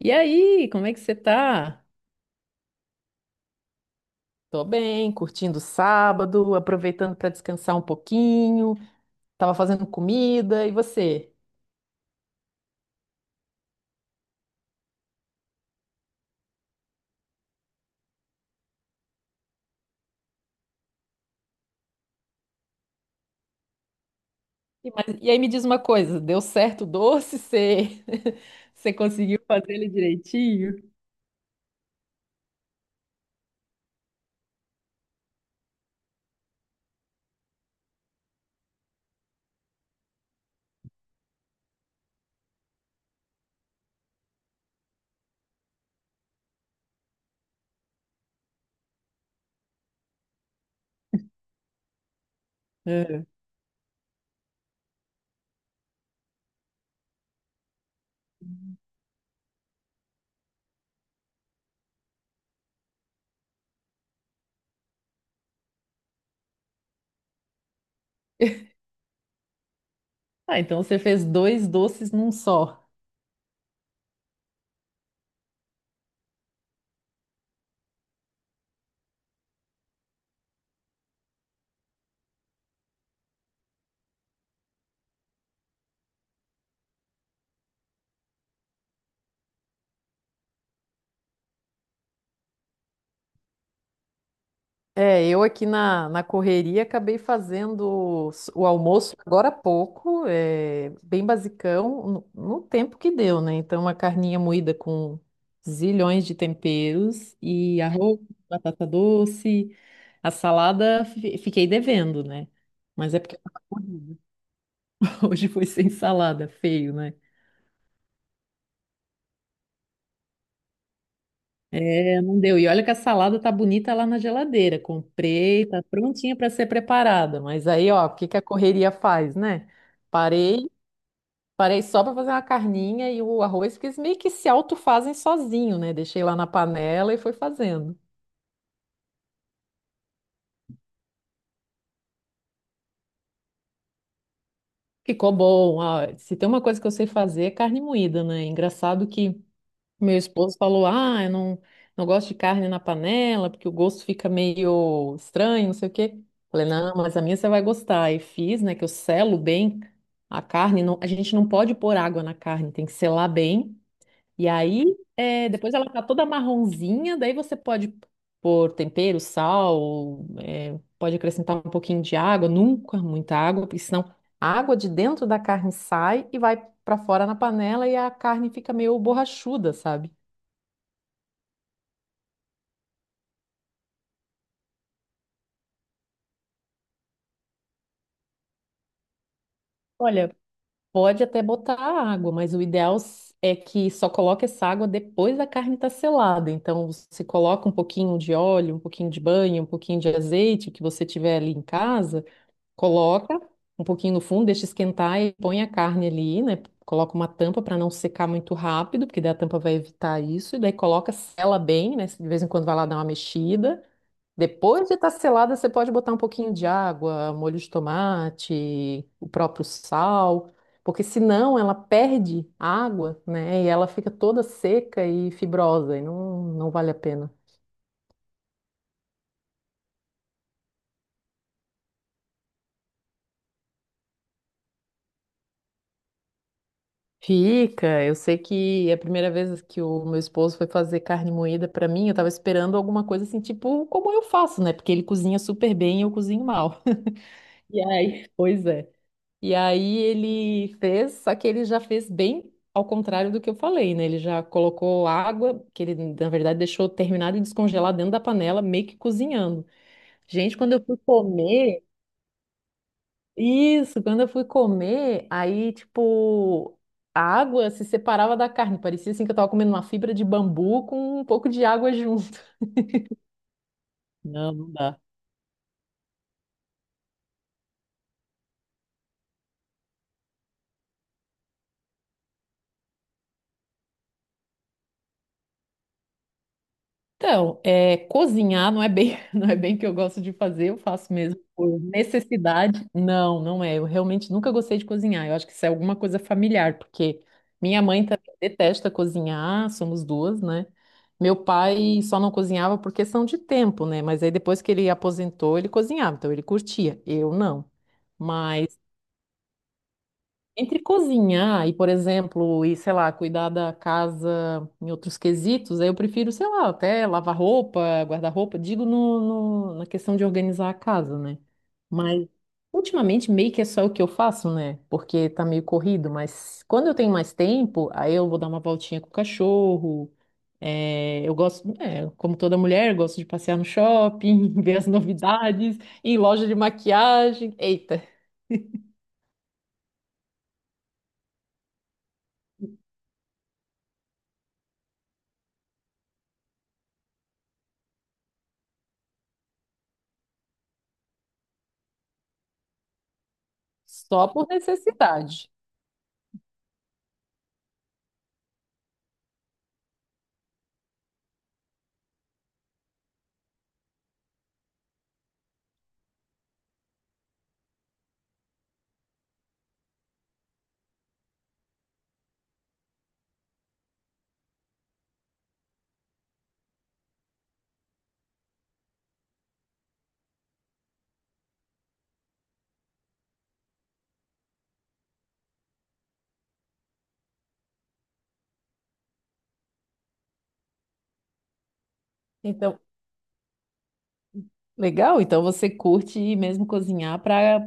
E aí, como é que você tá? Tô bem, curtindo o sábado, aproveitando para descansar um pouquinho. Tava fazendo comida, e você? E aí me diz uma coisa, deu certo o doce? Você, você conseguiu fazer ele direitinho? É. Ah, então você fez dois doces num só. É, eu aqui na correria acabei fazendo o almoço agora há pouco, é, bem basicão, no tempo que deu, né? Então, uma carninha moída com zilhões de temperos e arroz, batata doce, a salada fiquei devendo, né? Mas é porque eu tava corrida. Hoje foi sem salada, feio, né? É, não deu. E olha que a salada tá bonita lá na geladeira. Comprei, tá prontinha para ser preparada. Mas aí, ó, o que que a correria faz, né? Parei, parei só para fazer uma carninha e o arroz, porque eles meio que se autofazem sozinho, né? Deixei lá na panela e fui fazendo. Ficou bom. Ah, se tem uma coisa que eu sei fazer é carne moída, né? Engraçado que meu esposo falou: Ah, eu não, não gosto de carne na panela, porque o gosto fica meio estranho, não sei o quê. Falei: Não, mas a minha você vai gostar. E fiz, né, que eu selo bem a carne. Não, a gente não pode pôr água na carne, tem que selar bem. E aí, é, depois ela tá toda marronzinha, daí você pode pôr tempero, sal, é, pode acrescentar um pouquinho de água, nunca muita água, porque senão a água de dentro da carne sai e vai para fora na panela e a carne fica meio borrachuda, sabe? Olha, pode até botar água, mas o ideal é que só coloque essa água depois da carne estar selada. Então, você coloca um pouquinho de óleo, um pouquinho de banha, um pouquinho de azeite, o que você tiver ali em casa, coloca um pouquinho no fundo, deixa esquentar e põe a carne ali, né? Coloca uma tampa para não secar muito rápido, porque daí a tampa vai evitar isso. E daí coloca, sela bem, né? De vez em quando vai lá dar uma mexida. Depois de estar selada, você pode botar um pouquinho de água, molho de tomate, o próprio sal, porque senão ela perde água, né? E ela fica toda seca e fibrosa, e não vale a pena. Fica, eu sei que é a primeira vez que o meu esposo foi fazer carne moída pra mim, eu tava esperando alguma coisa assim, tipo como eu faço, né? Porque ele cozinha super bem e eu cozinho mal. E aí, pois é. E aí ele fez, só que ele já fez bem ao contrário do que eu falei, né? Ele já colocou água, que ele na verdade deixou terminado de descongelar dentro da panela, meio que cozinhando. Gente, quando eu fui comer, isso, quando eu fui comer, aí tipo a água se separava da carne, parecia assim que eu tava comendo uma fibra de bambu com um pouco de água junto. Não, não dá. Então, é, cozinhar não é bem, não é bem que eu gosto de fazer, eu faço mesmo por necessidade. Eu realmente nunca gostei de cozinhar. Eu acho que isso é alguma coisa familiar, porque minha mãe também detesta cozinhar, somos duas, né? Meu pai só não cozinhava por questão de tempo, né? Mas aí depois que ele aposentou, ele cozinhava, então ele curtia. Eu não. Mas entre cozinhar e, por exemplo, e sei lá, cuidar da casa em outros quesitos, aí eu prefiro, sei lá, até lavar roupa, guardar-roupa, digo na questão de organizar a casa, né? Mas ultimamente meio que é só o que eu faço, né? Porque tá meio corrido, mas quando eu tenho mais tempo, aí eu vou dar uma voltinha com o cachorro. É, eu gosto, é, como toda mulher, eu gosto de passear no shopping, ver as novidades, ir em loja de maquiagem. Eita, só por necessidade. Então legal, então você curte mesmo cozinhar para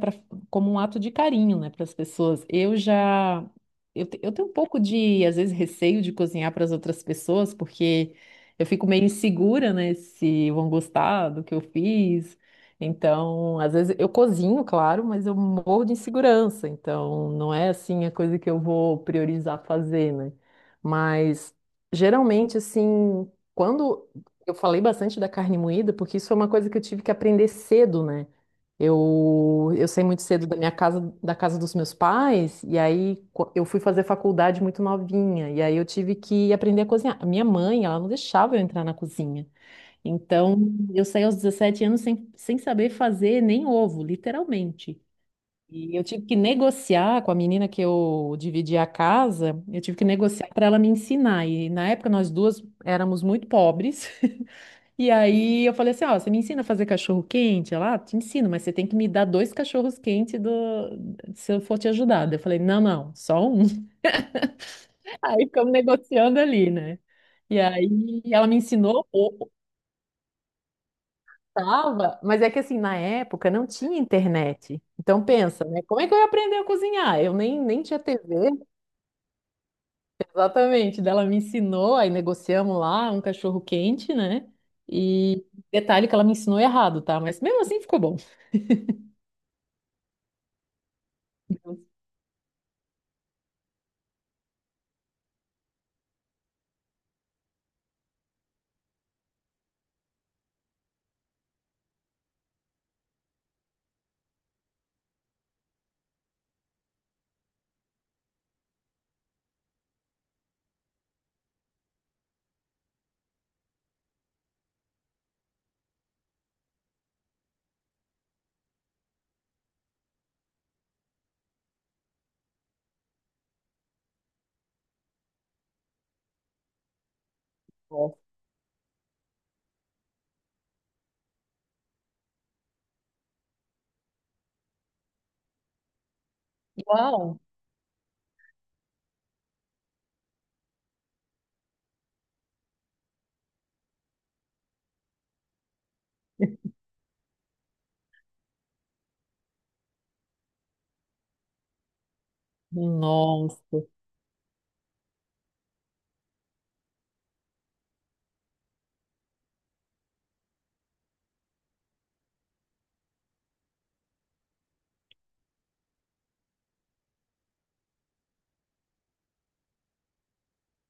como um ato de carinho, né, para as pessoas. Eu já eu, te- Eu tenho um pouco de às vezes receio de cozinhar para as outras pessoas, porque eu fico meio insegura, né, se vão gostar do que eu fiz. Então, às vezes eu cozinho, claro, mas eu morro de insegurança, então não é assim a coisa que eu vou priorizar fazer, né? Mas geralmente assim, quando eu falei bastante da carne moída porque isso foi uma coisa que eu tive que aprender cedo, né? Eu saí muito cedo da minha casa, da casa dos meus pais, e aí eu fui fazer faculdade muito novinha, e aí eu tive que aprender a cozinhar. A minha mãe, ela não deixava eu entrar na cozinha. Então, eu saí aos 17 anos sem saber fazer nem ovo, literalmente. E eu tive que negociar com a menina que eu dividi a casa, eu tive que negociar para ela me ensinar. E na época nós duas éramos muito pobres. E aí eu falei assim, ó, você me ensina a fazer cachorro quente? Ela, ah, te ensino, mas você tem que me dar dois cachorros quentes do... se eu for te ajudar. Daí eu falei, não, não, só um. Aí ficamos negociando ali, né? E aí ela me ensinou o tava, mas é que assim, na época não tinha internet. Então pensa, né? Como é que eu ia aprender a cozinhar? Eu nem, nem tinha TV, exatamente. Daí ela me ensinou, aí negociamos lá um cachorro quente, né? E detalhe que ela me ensinou errado, tá? Mas mesmo assim ficou bom. Uau! Nossa!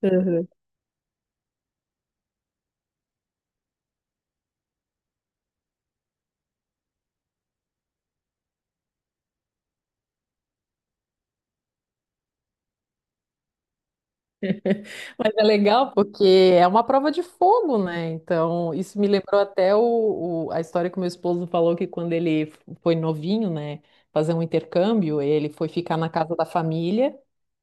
Uhum. Mas é legal porque é uma prova de fogo, né? Então, isso me lembrou até a história que o meu esposo falou que quando ele foi novinho, né, fazer um intercâmbio, ele foi ficar na casa da família.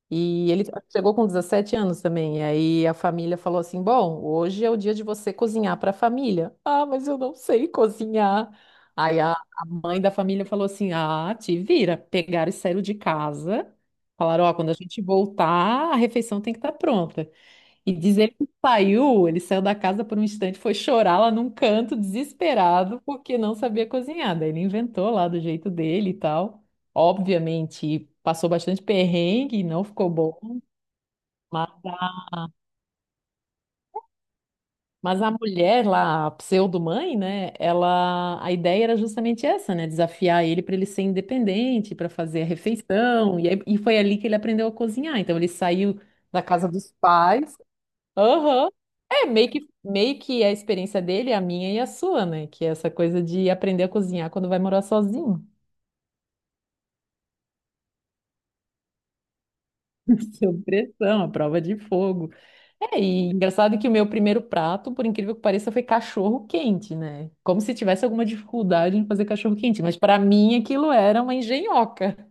E ele chegou com 17 anos também. E aí a família falou assim: Bom, hoje é o dia de você cozinhar para a família. Ah, mas eu não sei cozinhar. Aí a mãe da família falou assim: Ah, te vira. Pegaram e saíram de casa. Falaram: Ó, quando a gente voltar, a refeição tem que estar pronta. E dizer que saiu, ele saiu da casa por um instante, foi chorar lá num canto, desesperado, porque não sabia cozinhar. Daí ele inventou lá do jeito dele e tal. Obviamente, passou bastante perrengue, e não ficou bom. Mas a, mas a mulher lá, a pseudo-mãe, né? Ela, a ideia era justamente essa, né? Desafiar ele para ele ser independente, para fazer a refeição. E foi ali que ele aprendeu a cozinhar. Então ele saiu da casa dos pais. Aham. É, meio que a experiência dele, a minha e a sua, né? Que é essa coisa de aprender a cozinhar quando vai morar sozinho. Sob pressão, a prova de fogo. É, e engraçado que o meu primeiro prato, por incrível que pareça, foi cachorro quente, né? Como se tivesse alguma dificuldade em fazer cachorro quente, mas para mim aquilo era uma engenhoca.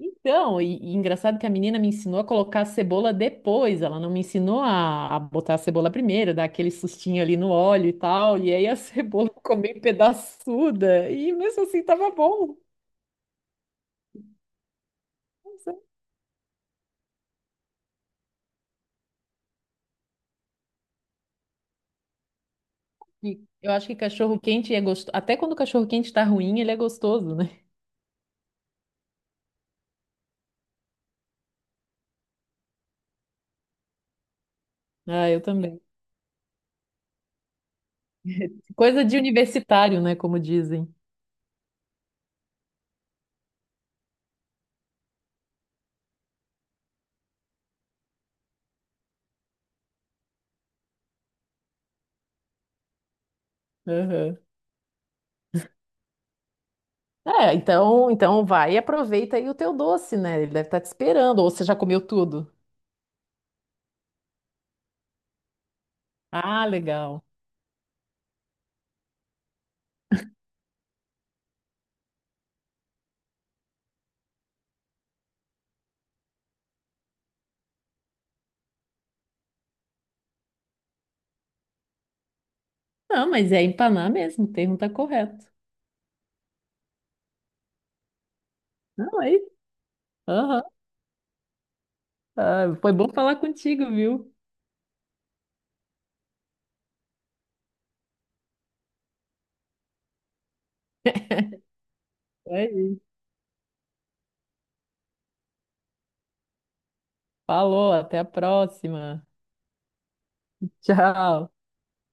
Então, e engraçado que a menina me ensinou a colocar a cebola depois, ela não me ensinou a botar a cebola primeiro, dar aquele sustinho ali no óleo e tal, e aí a cebola ficou meio pedaçuda, e mesmo assim tava bom. Não sei. Eu acho que cachorro quente é gostoso, até quando o cachorro quente tá ruim, ele é gostoso, né? Ah, eu também. Coisa de universitário, né, como dizem. Aham. É, então, então vai e aproveita aí o teu doce, né? Ele deve estar te esperando, ou você já comeu tudo? Ah, legal. Não, mas é empanar mesmo, o termo tá correto. Não, é isso. Aham. Ah, foi bom falar contigo, viu? É isso. Falou, até a próxima. Tchau.